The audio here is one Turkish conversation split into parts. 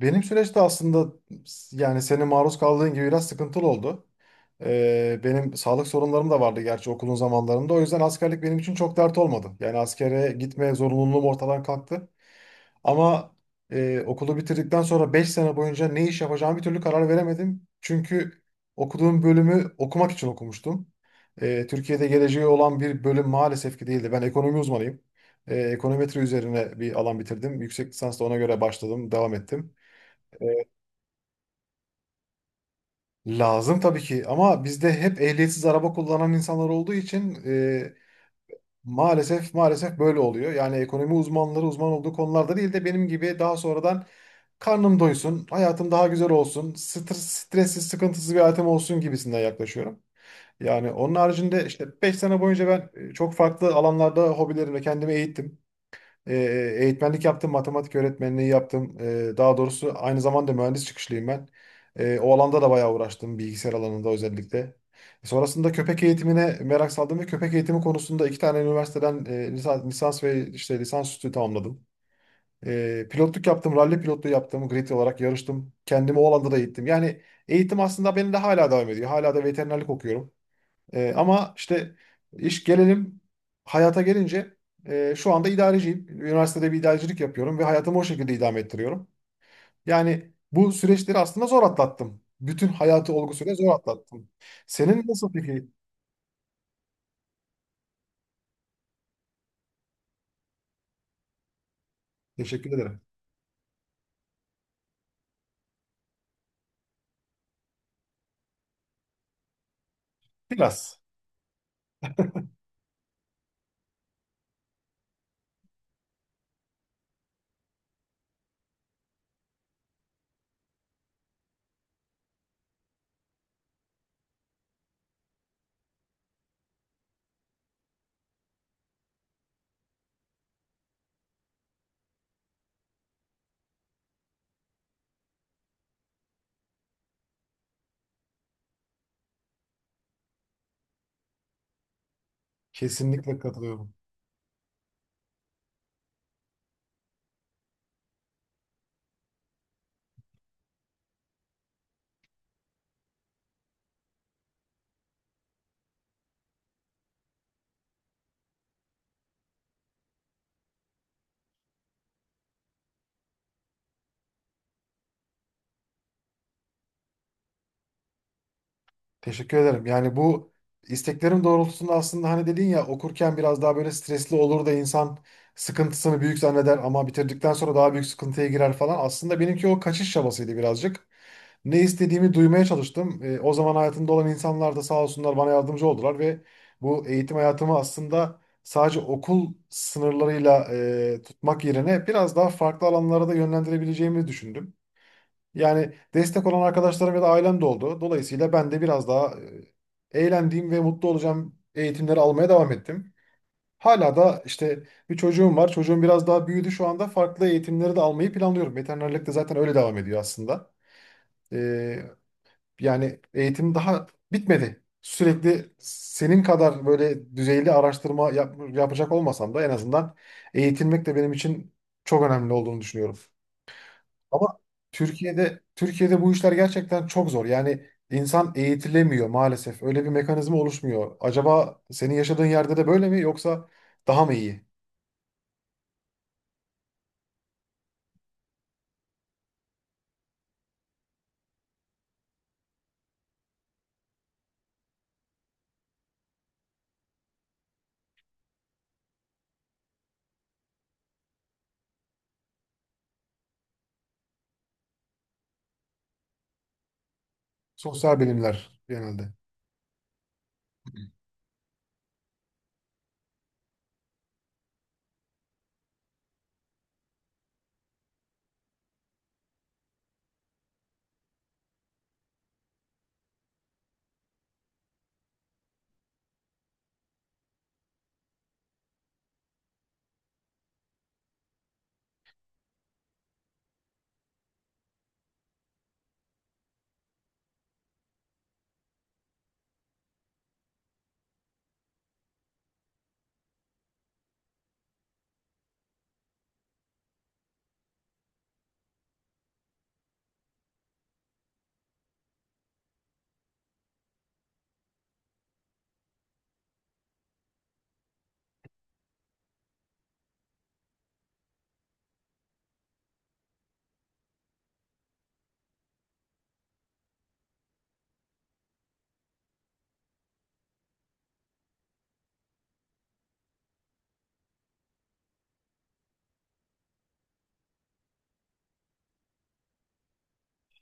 Benim süreçte aslında yani senin maruz kaldığın gibi biraz sıkıntılı oldu. Benim sağlık sorunlarım da vardı gerçi okulun zamanlarında. O yüzden askerlik benim için çok dert olmadı. Yani askere gitme zorunluluğum ortadan kalktı. Ama okulu bitirdikten sonra 5 sene boyunca ne iş yapacağımı bir türlü karar veremedim. Çünkü okuduğum bölümü okumak için okumuştum. Türkiye'de geleceği olan bir bölüm maalesef ki değildi. Ben ekonomi uzmanıyım. Ekonometri üzerine bir alan bitirdim. Yüksek lisans da ona göre başladım, devam ettim. Lazım tabii ki ama bizde hep ehliyetsiz araba kullanan insanlar olduğu için maalesef maalesef böyle oluyor. Yani ekonomi uzmanları uzman olduğu konularda değil de benim gibi daha sonradan karnım doysun, hayatım daha güzel olsun, stres, stressiz, sıkıntısız bir hayatım olsun gibisinden yaklaşıyorum. Yani onun haricinde işte 5 sene boyunca ben çok farklı alanlarda hobilerimle kendimi eğittim. E, eğitmenlik yaptım, matematik öğretmenliği yaptım. Daha doğrusu aynı zamanda mühendis çıkışlıyım ben. O alanda da bayağı uğraştım, bilgisayar alanında özellikle. Sonrasında köpek eğitimine merak saldım ve köpek eğitimi konusunda 2 tane üniversiteden lisans ve işte lisansüstü tamamladım. Pilotluk yaptım, ralli pilotluğu yaptım, grid olarak yarıştım. Kendimi o alanda da eğittim. Yani eğitim aslında benim de hala devam ediyor. Hala da veterinerlik okuyorum. Ama işte iş gelelim hayata gelince şu anda idareciyim. Üniversitede bir idarecilik yapıyorum ve hayatımı o şekilde idame ettiriyorum. Yani bu süreçleri aslında zor atlattım. Bütün hayatı olgusuyla zor atlattım. Senin nasıl peki? Teşekkür ederim. Biraz. Kesinlikle katılıyorum. Teşekkür ederim. Yani bu isteklerim doğrultusunda aslında hani dedin ya okurken biraz daha böyle stresli olur da insan sıkıntısını büyük zanneder ama bitirdikten sonra daha büyük sıkıntıya girer falan. Aslında benimki o kaçış çabasıydı birazcık. Ne istediğimi duymaya çalıştım. O zaman hayatımda olan insanlar da sağ olsunlar bana yardımcı oldular ve bu eğitim hayatımı aslında sadece okul sınırlarıyla tutmak yerine biraz daha farklı alanlara da yönlendirebileceğimi düşündüm. Yani destek olan arkadaşlarım ya da ailem de oldu. Dolayısıyla ben de biraz daha eğlendiğim ve mutlu olacağım eğitimleri almaya devam ettim. Hala da işte bir çocuğum var. Çocuğum biraz daha büyüdü şu anda. Farklı eğitimleri de almayı planlıyorum. Veterinerlik de zaten öyle devam ediyor aslında. E, yani eğitim daha bitmedi. Sürekli senin kadar böyle düzeyli araştırma yapacak olmasam da en azından eğitilmek de benim için çok önemli olduğunu düşünüyorum. Ama Türkiye'de bu işler gerçekten çok zor. Yani insan eğitilemiyor maalesef. Öyle bir mekanizma oluşmuyor. Acaba senin yaşadığın yerde de böyle mi yoksa daha mı iyi? Sosyal bilimler genelde.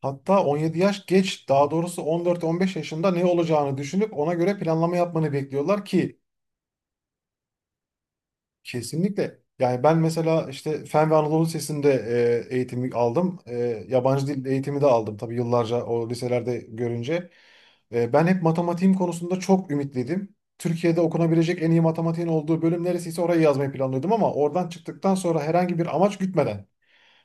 Hatta 17 yaş geç, daha doğrusu 14-15 yaşında ne olacağını düşünüp ona göre planlama yapmanı bekliyorlar ki. Kesinlikle. Yani ben mesela işte Fen ve Anadolu Lisesi'nde eğitimi aldım. Yabancı dil eğitimi de aldım tabii yıllarca o liselerde görünce. Ben hep matematiğim konusunda çok ümitliydim. Türkiye'de okunabilecek en iyi matematiğin olduğu bölüm neresiyse orayı yazmayı planlıyordum ama oradan çıktıktan sonra herhangi bir amaç gütmeden.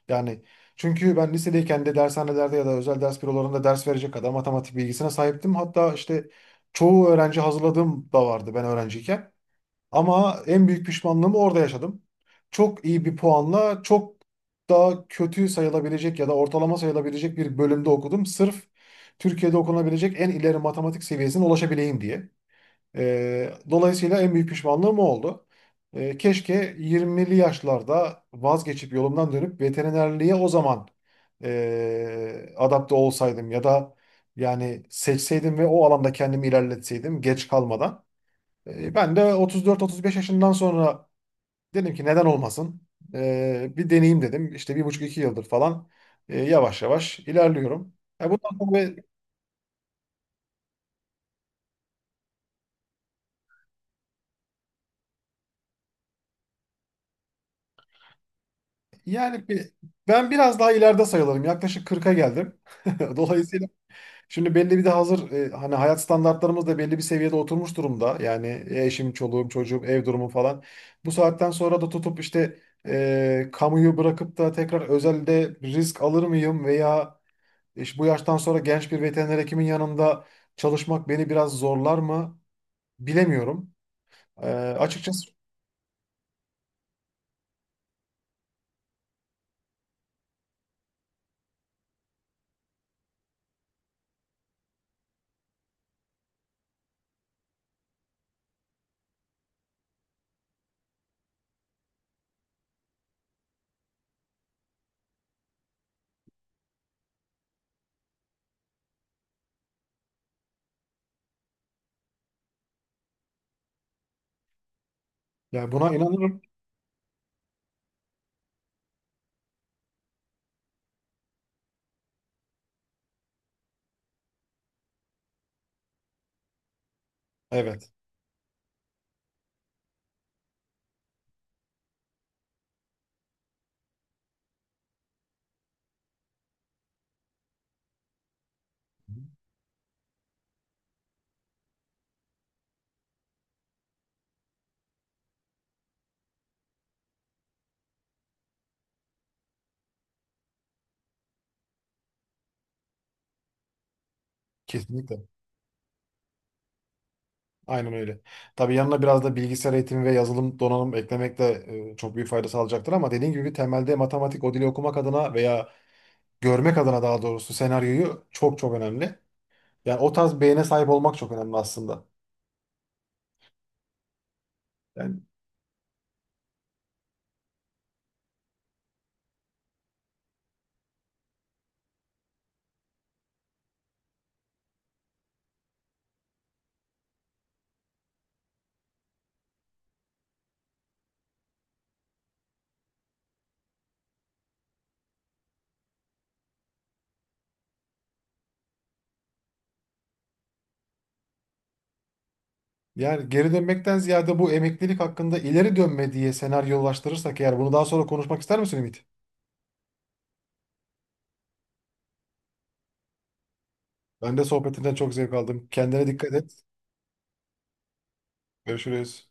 Yani çünkü ben lisedeyken de dershanelerde ya da özel ders bürolarında ders verecek kadar matematik bilgisine sahiptim. Hatta işte çoğu öğrenci hazırladığım da vardı ben öğrenciyken. Ama en büyük pişmanlığımı orada yaşadım. Çok iyi bir puanla çok daha kötü sayılabilecek ya da ortalama sayılabilecek bir bölümde okudum. Sırf Türkiye'de okunabilecek en ileri matematik seviyesine ulaşabileyim diye. Dolayısıyla en büyük pişmanlığım o oldu. Keşke 20'li yaşlarda vazgeçip yolumdan dönüp veterinerliğe o zaman adapte olsaydım ya da yani seçseydim ve o alanda kendimi ilerletseydim geç kalmadan. Ben de 34-35 yaşından sonra dedim ki neden olmasın? Bir deneyeyim dedim. İşte bir buçuk iki yıldır falan yavaş yavaş ilerliyorum. Bundan sonra yani bir, ben biraz daha ileride sayılırım. Yaklaşık 40'a geldim. Dolayısıyla şimdi belli bir de hazır hani hayat standartlarımız da belli bir seviyede oturmuş durumda. Yani eşim, çoluğum, çocuğum, ev durumu falan. Bu saatten sonra da tutup işte kamuyu bırakıp da tekrar özelde risk alır mıyım veya İşte bu yaştan sonra genç bir veteriner hekimin yanında çalışmak beni biraz zorlar mı bilemiyorum. Ee, açıkçası yani buna inanırım. Evet. Kesinlikle. Aynen öyle. Tabii yanına biraz da bilgisayar eğitimi ve yazılım donanım eklemek de çok büyük fayda sağlayacaktır ama dediğim gibi temelde matematik o dili okumak adına veya görmek adına daha doğrusu senaryoyu çok çok önemli. Yani o tarz beyne sahip olmak çok önemli aslında. Yani Yani geri dönmekten ziyade bu emeklilik hakkında ileri dönme diye senaryolaştırırsak eğer bunu daha sonra konuşmak ister misin Ümit? Ben de sohbetinden çok zevk aldım. Kendine dikkat et. Görüşürüz.